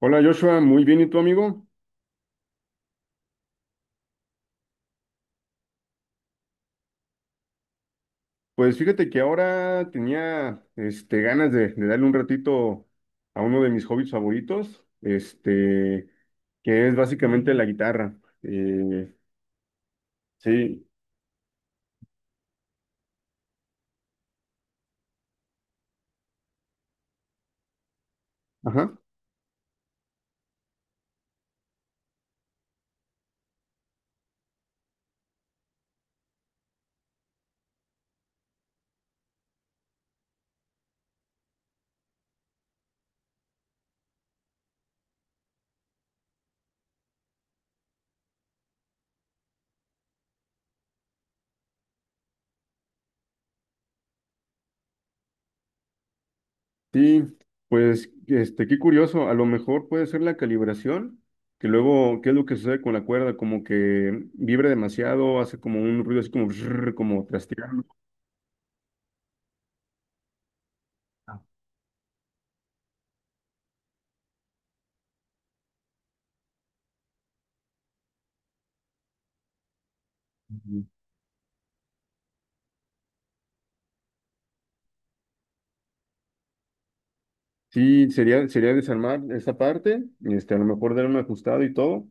Hola Joshua, muy bien, ¿y tú amigo? Pues fíjate que ahora tenía ganas de darle un ratito a uno de mis hobbies favoritos, que es básicamente la guitarra. Eh, sí, ajá, sí, pues qué curioso, a lo mejor puede ser la calibración, que luego, ¿qué es lo que sucede con la cuerda? Como que vibra demasiado, hace como un ruido así como, brrr, como trasteando. Sí, sería desarmar esa parte, a lo mejor dar un ajustado y todo,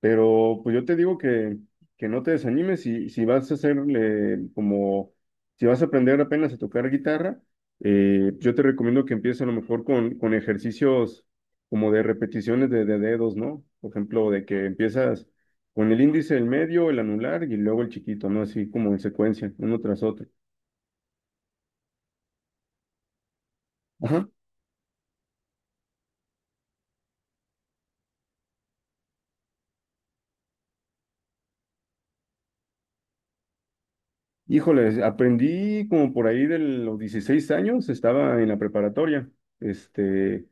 pero pues yo te digo que no te desanimes si vas a hacerle como, si vas a aprender apenas a tocar guitarra, yo te recomiendo que empieces a lo mejor con ejercicios como de repeticiones de dedos, ¿no? Por ejemplo, de que empiezas con el índice, el medio, el anular y luego el chiquito, ¿no? Así como en secuencia, uno tras otro. Ajá. Híjoles, aprendí como por ahí de los 16 años, estaba en la preparatoria, este,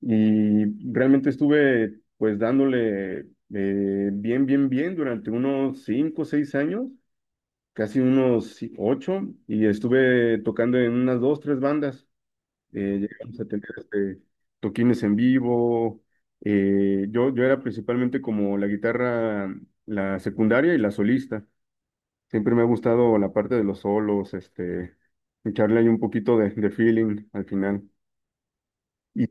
y realmente estuve pues dándole bien durante unos 5 o 6 años, casi unos 8 y estuve tocando en unas dos, tres bandas. Llegamos a tener toquines en vivo. Yo era principalmente como la guitarra, la secundaria y la solista. Siempre me ha gustado la parte de los solos, echarle ahí un poquito de feeling al final. Y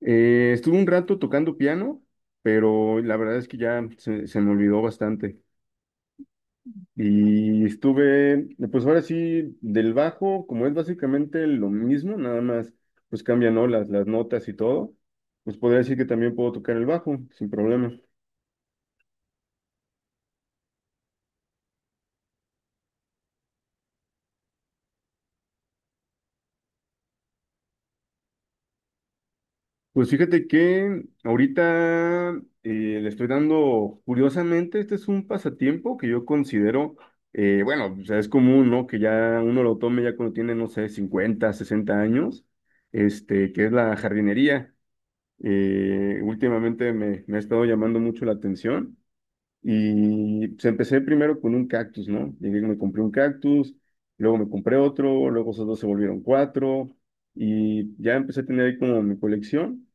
estuve un rato tocando piano, pero la verdad es que ya se me olvidó bastante. Y estuve, pues ahora sí, del bajo, como es básicamente lo mismo, nada más, pues cambian, ¿no? las notas y todo, pues podría decir que también puedo tocar el bajo sin problema. Pues fíjate que ahorita le estoy dando, curiosamente, este es un pasatiempo que yo considero, bueno, o sea, es común, ¿no? Que ya uno lo tome ya cuando tiene, no sé, 50, 60 años, que es la jardinería. Últimamente me ha estado llamando mucho la atención y pues, empecé primero con un cactus, ¿no? Llegué, y me compré un cactus, luego me compré otro, luego esos dos se volvieron cuatro y ya empecé a tener ahí como mi colección.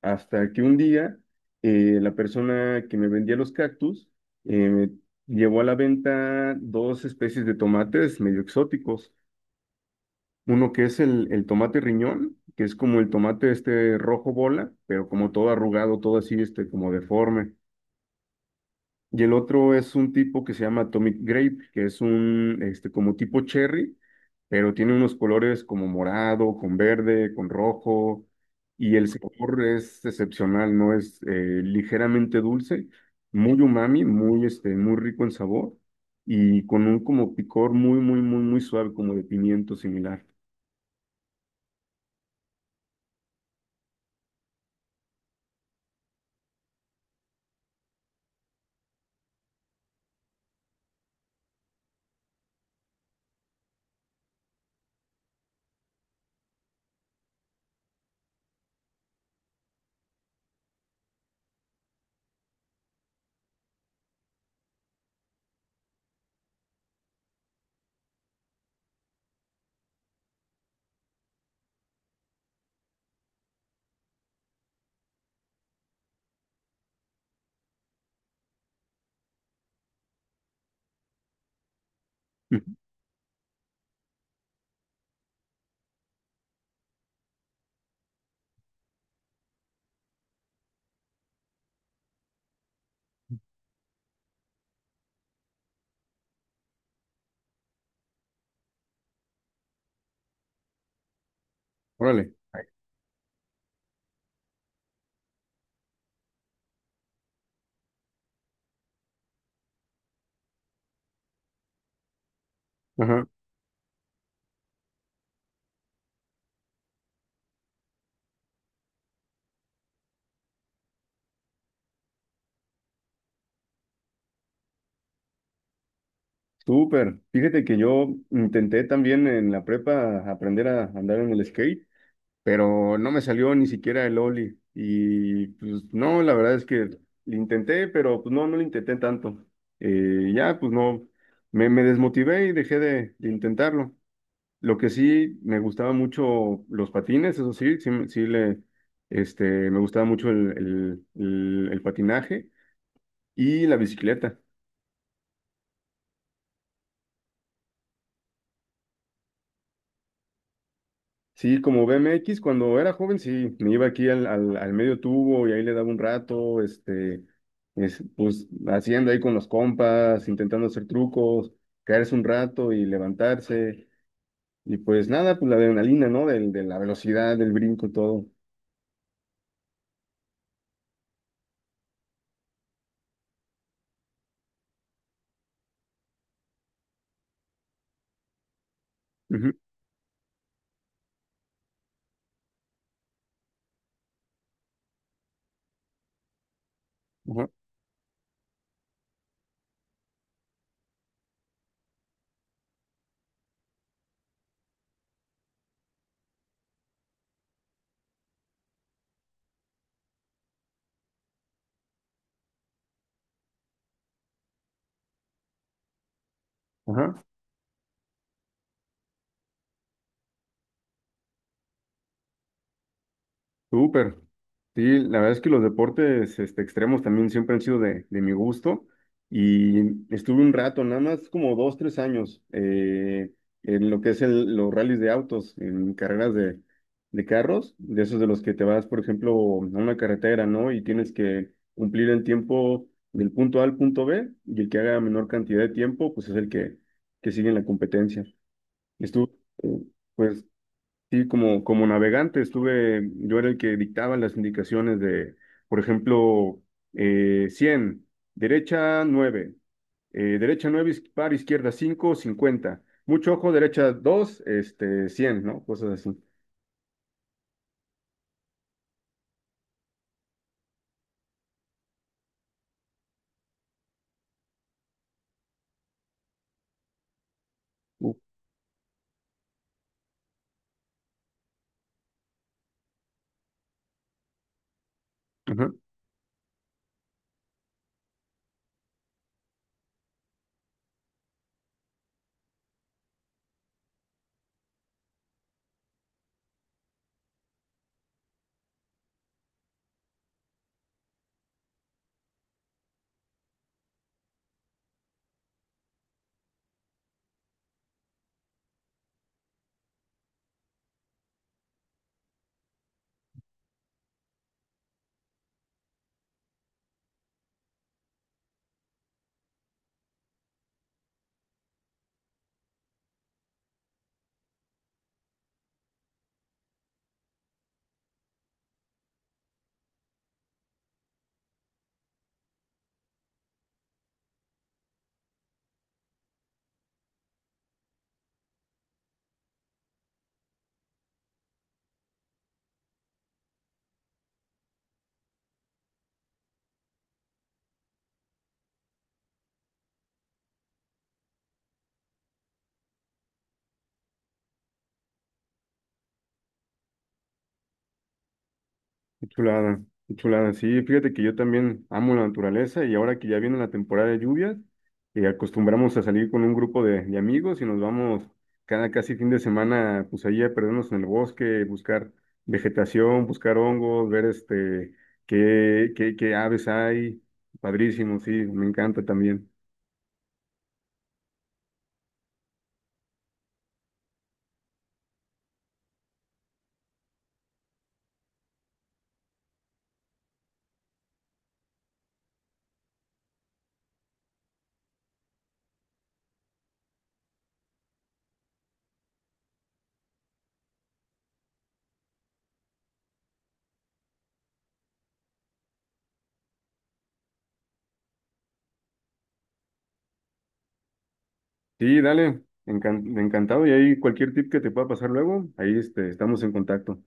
Hasta que un día la persona que me vendía los cactus eh, llevó a la venta dos especies de tomates medio exóticos. Uno que es el tomate riñón, que es como el tomate este rojo bola, pero como todo arrugado, todo así, como deforme. Y el otro es un tipo que se llama Atomic Grape, que es un, como tipo cherry, pero tiene unos colores como morado, con verde, con rojo, y el sabor es excepcional, ¿no? Es ligeramente dulce, muy umami, muy, muy rico en sabor, y con un como picor muy, muy, muy, muy suave, como de pimiento similar. Órale. Ajá, súper. Fíjate que yo intenté también en la prepa aprender a andar en el skate, pero no me salió ni siquiera el Oli. Y pues no, la verdad es que lo intenté, pero pues no, no lo intenté tanto. Ya, pues no, me desmotivé y dejé de intentarlo. Lo que sí, me gustaba mucho los patines, eso sí, sí, me gustaba mucho el patinaje y la bicicleta. Sí, como BMX, cuando era joven, sí, me iba aquí al medio tubo y ahí le daba un rato, pues haciendo ahí con los compas, intentando hacer trucos, caerse un rato y levantarse. Y pues nada, pues la adrenalina, ¿no? De la velocidad, del brinco, todo. Ujú, ajá, ajá. Súper. Sí, la verdad es que los deportes extremos también siempre han sido de mi gusto y estuve un rato, nada más como 2, 3 años en lo que es los rallies de autos, en carreras de carros, de esos de los que te vas, por ejemplo, a una carretera, ¿no? Y tienes que cumplir el tiempo del punto A al punto B y el que haga menor cantidad de tiempo, pues es que sigue en la competencia. Estuvo, eh, pues sí, como navegante estuve, yo era el que dictaba las indicaciones de, por ejemplo, 100, derecha 9, derecha 9 iz- par izquierda 5 50, mucho ojo, derecha 2, 100, ¿no? Cosas así. Uh, Ajá. Qué chulada, qué chulada. Sí, fíjate que yo también amo la naturaleza y ahora que ya viene la temporada de lluvias, acostumbramos a salir con un grupo de amigos y nos vamos cada casi fin de semana, pues ahí a perdernos en el bosque, buscar vegetación, buscar hongos, ver qué aves hay. Padrísimo, sí, me encanta también. Sí, dale, encantado. Y ahí cualquier tip que te pueda pasar luego, ahí estamos en contacto.